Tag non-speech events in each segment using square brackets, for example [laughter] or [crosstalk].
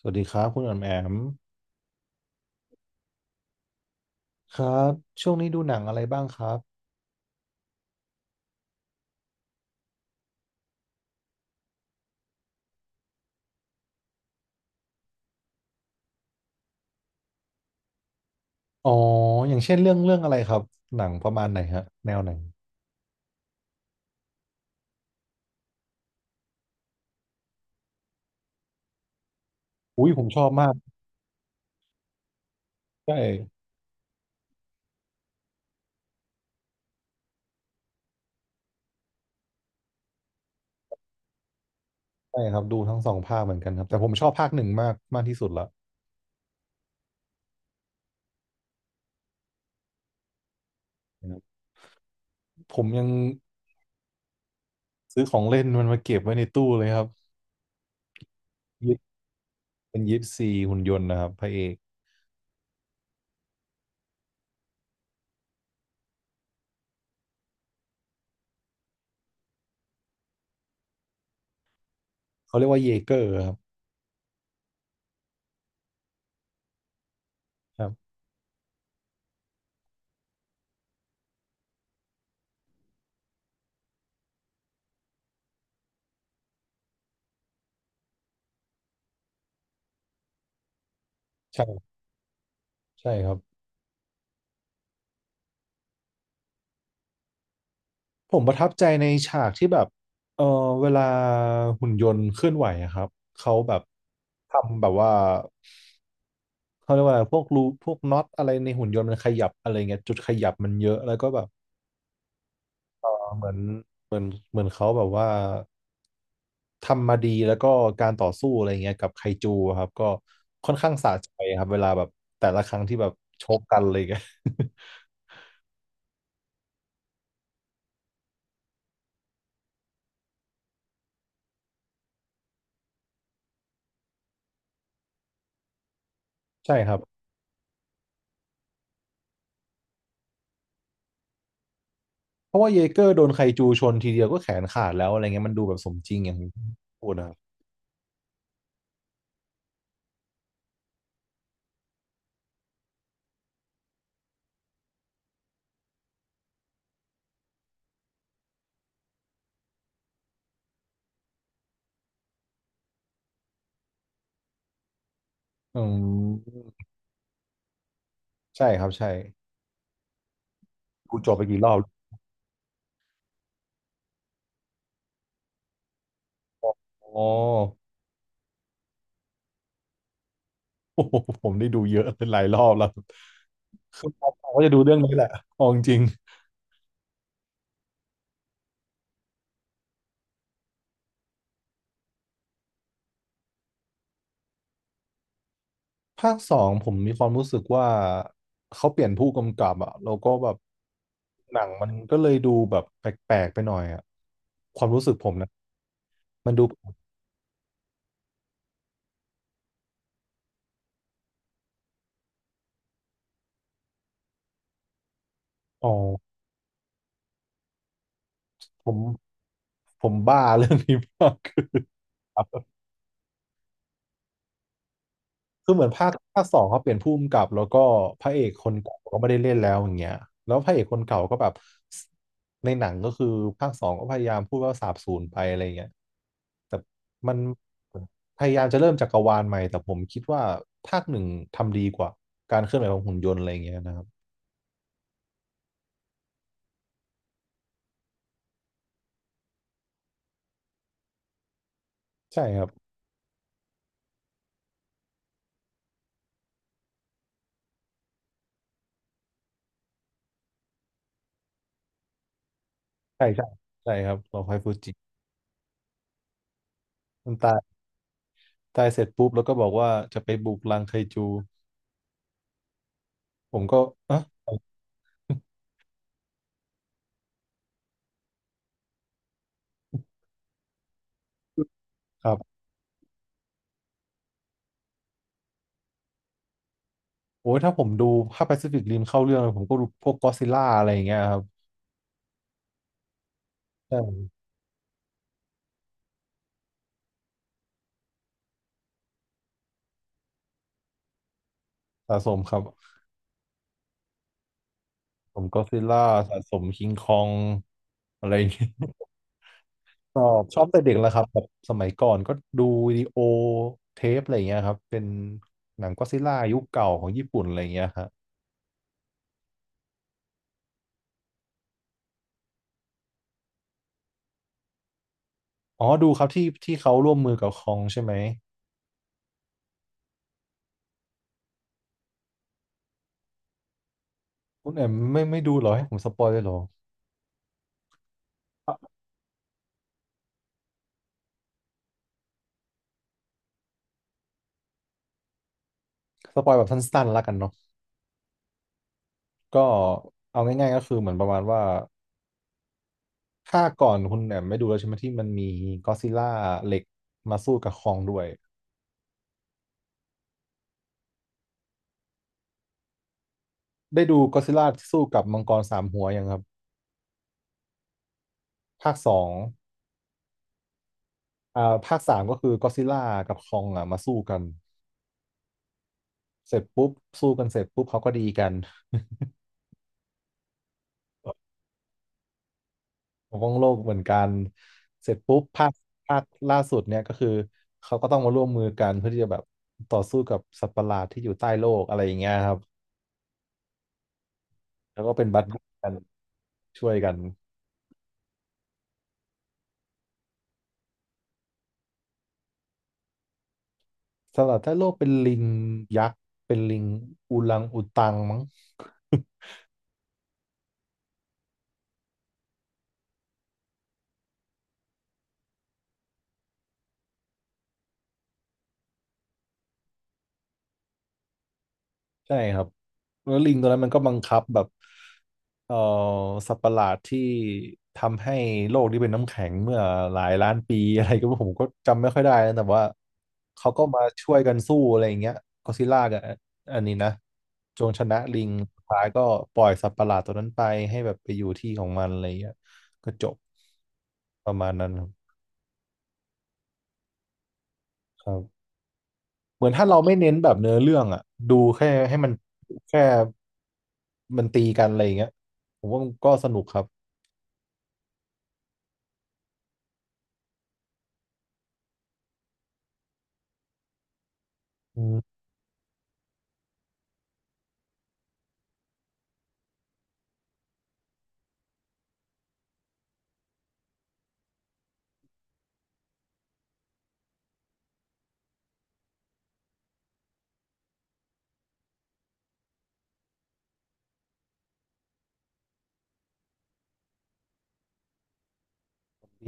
สวัสดีครับคุณอ๋อมแอมครับช่วงนี้ดูหนังอะไรบ้างครับอ๋ออย่างเช่นเรื่องอะไรครับหนังประมาณไหนฮะแนวไหนอุ้ยผมชอบมากใช่ใช่ครับดูทั้งสองภาคเหมือนกันครับแต่ผมชอบภาคหนึ่งมากมากที่สุดละนะครับผมยังซื้อของเล่นมันมาเก็บไว้ในตู้เลยครับยิปเป็นยิปซีหุ่นยนต์นะครับพระเอกเขาเรียกว่าเยเกอร์ครับครับใช่ใช่ครับ ผมประทับใจในฉากที่แบบเออเวลาหุ่นยนต์เคลื่อนไหวอะครับ เขาแบบทำแบบว่าเขาเรียกว่าอะไรพวกรูพวกน็อตอะไรในหุ่นยนต์มันขยับอะไรเงี้ยจุดขยับมันเยอะแล้วก็แบบเหมือนเหมือนเหมือนเขาแบบว่าทำมาดีแล้วก็การต่อสู้อะไรเงี้ยกับไคจูอะครับก็ค่อนข้างสะใจครับเวลาแบบแต่ละครั้งที่แบบชกกันอะไรเงี้ย [laughs] ใช่ครับเพราะว่าเยเกอร์โดนไคจูชนทีเดียวก็แขนขาดแล้วอะไรเงี้ยมันดูแบบสมจริงอย่างที่พูดนะครับ อืมใช่ครับใช่ดูจบไปกี่รอบอ๋อโอ้โหผมได้ดูเยอะเป็นหลายรอบแล้วคือผมก็จะดูเรื่องนี้แหละเอาจริงๆภาคสองผมมีความรู้สึกว่าเขาเปลี่ยนผู้กำกับอะแล้วก็แบบหนังมันก็เลยดูแบบแปลกๆไปหน่อยอะความรู้สึกผมนะมันดูอ๋อผมบ้าเรื่องนี้มากคือ คือเหมือนภาคสองเขาเปลี่ยนผู้กำกับแล้วก็พระเอกคนเก่าก็ไม่ได้เล่นแล้วอย่างเงี้ยแล้วพระเอกคนเก่าก็แบบในหนังก็คือภาคสองก็พยายามพูดว่าสาบสูญไปอะไรเงี้ยแต่มันพยายามจะเริ่มจักรวาลใหม่แต่ผมคิดว่าภาคหนึ่งทำดีกว่าการเคลื่อนไหวของหุ่นยนต์อะไรเงี้ยนะครับใช่ครับใช่ใช่ใช่ครับรอคอยฟูจิมันตายตายเสร็จปุ๊บแล้วก็บอกว่าจะไปบุกรังไคจูผมก็อ่ะครับ โอ้ยถ้าผมดูถ้า Pacific Rim เข้าเรื่องเลยผมก็ดูพวก Godzilla อดซิลล่าอะไรอย่างเงี้ยครับใช่สะสมครับผม Godzilla สะสม King Kong องอะไรอย่างเงี้ยชอบแต่เด็กแล้วครับแบบสมัยก่อนก็ดูวิดีโอเทปอะไรอย่างเงี้ยครับเป็นหนังก็อดซิลล่ายุคเก่าของญี่ปุ่นอะไรอย่างเงี้ยครับอ๋อดูครับที่เขาร่วมมือกับคองใช่ไหมคุณแอมไม่ดูเหรอให้ผมสปอยเลยเหรอสปอยแบบสั้นๆแล้วกันเนาะก็เอาง่ายๆก็คือเหมือนประมาณว่า ค่าก่อนคุณแหม่มไม่ดูแล้วใช่ไหมที่มันมีก็อดซิลล่าเหล็กมาสู้กับคองด้วยได้ดูก็อดซิลล่าที่สู้กับมังกรสามหัวยังครับภาคสองอ่าภาคสามก็คือก็อดซิลล่ากับคองอ่ะมาสู้กันเสร็จปุ๊บสู้กันเสร็จปุ๊บเขาก็ดีกัน [laughs] ปกป้องโลกเหมือนกันเสร็จปุ๊บภาคภาคล่าสุดเนี่ยก็คือเขาก็ต้องมาร่วมมือกันเพื่อที่จะแบบต่อสู้กับสัตว์ประหลาดที่อยู่ใต้โลกอะไรอย่างเงี้ยครับแล้วก็เป็นบัดดี้กัน [laughs] ช่วยกัน สำหรับถ้าโลกเป็นลิงยักษ์เป็นลิงอูรังอูตังมั้ง [laughs] ใช่ครับแล้วลิงตัวนั้นมันก็บังคับแบบเอ่อสัตว์ประหลาดที่ทำให้โลกนี้เป็นน้ำแข็งเมื่อหลายล้านปี [laughs] อะไรก็ผมก็จำไม่ค่อยได้นะแต่ว่าเขาก็มาช่วยกันสู้อะไรอย่างเงี้ยก็ซิลล่ากับอันนี้นะจงชนะลิงสุดท้ายก็ปล่อยสัตว์ประหลาดตัวนั้นไปให้แบบไปอยู่ที่ของมันอะไรอย่างเงี้ยก็จบประมาณนั้นครับ เหมือนถ้าเราไม่เน้นแบบเนื้อเรื่องอะดูแค่ให้มันแค่มันตีกันอะไรอย่างเงี้ยผมว่ามันก็สนุกครับอืม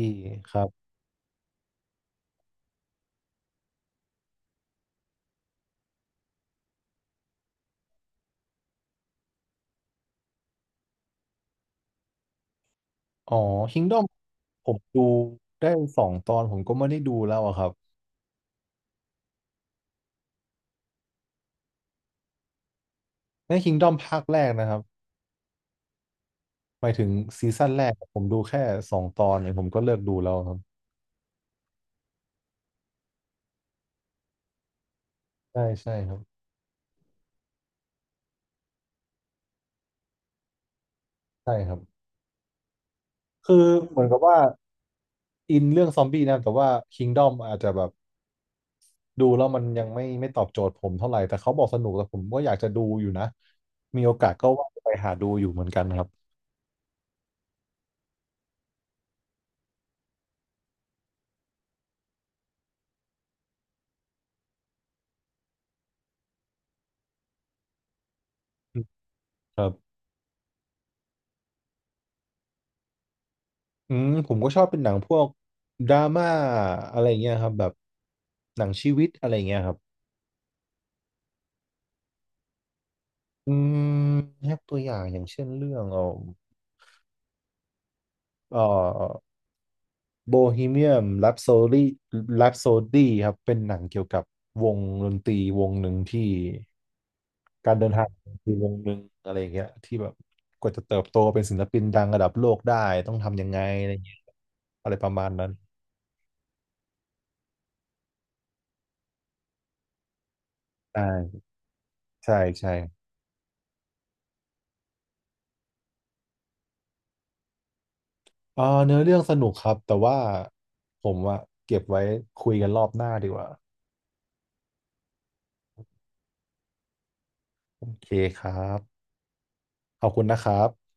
ดีครับอ๋อ Kingdom ผมดูได้สองตอนผมก็ไม่ได้ดูแล้วอะครับใน Kingdom ภาคแรกนะครับหมายถึงซีซั่นแรกผมดูแค่สองตอนเนี่ยผมก็เลิกดูแล้วครับใช่ใช่ครับใช่ครับคือเหมือนกับว่าอินเรื่องซอมบี้นะแต่ว่า Kingdom อาจจะแบบ ดูแล้วมันยังไม่ตอบโจทย์ผมเท่าไหร่แต่เขาบอกสนุกแต่ผมก็อยากจะดูอยู่นะมีโอกาสก็ว่าจะไปหาดูอยู่เหมือนกันครับครับอืมผมก็ชอบเป็นหนังพวกดราม่าอะไรเงี้ยครับแบบหนังชีวิตอะไรเงี้ยครับอืมยกตัวอย่างอย่างเช่นเรื่องเอ่อโบฮีเมียมแรปโซดีแรปโซครับเป็นหนังเกี่ยวกับวงดนตรีวงหนึ่งที่ การเดินทางคือวงหนึ่งอะไรอย่างเงี้ยที่แบบกว่าจะเติบโตเป็นศิลปินดังระดับโลกได้ต้องทำยังไงอะไรอย่างเงี้ยอะไรประมาณนั้นใช่ใช่ใช่เออเนื้อเรื่องสนุกครับแต่ว่าผมอะเก็บไว้คุยกันรอบหน้าดีกว่าโอเคครับขอบคุณนะครับ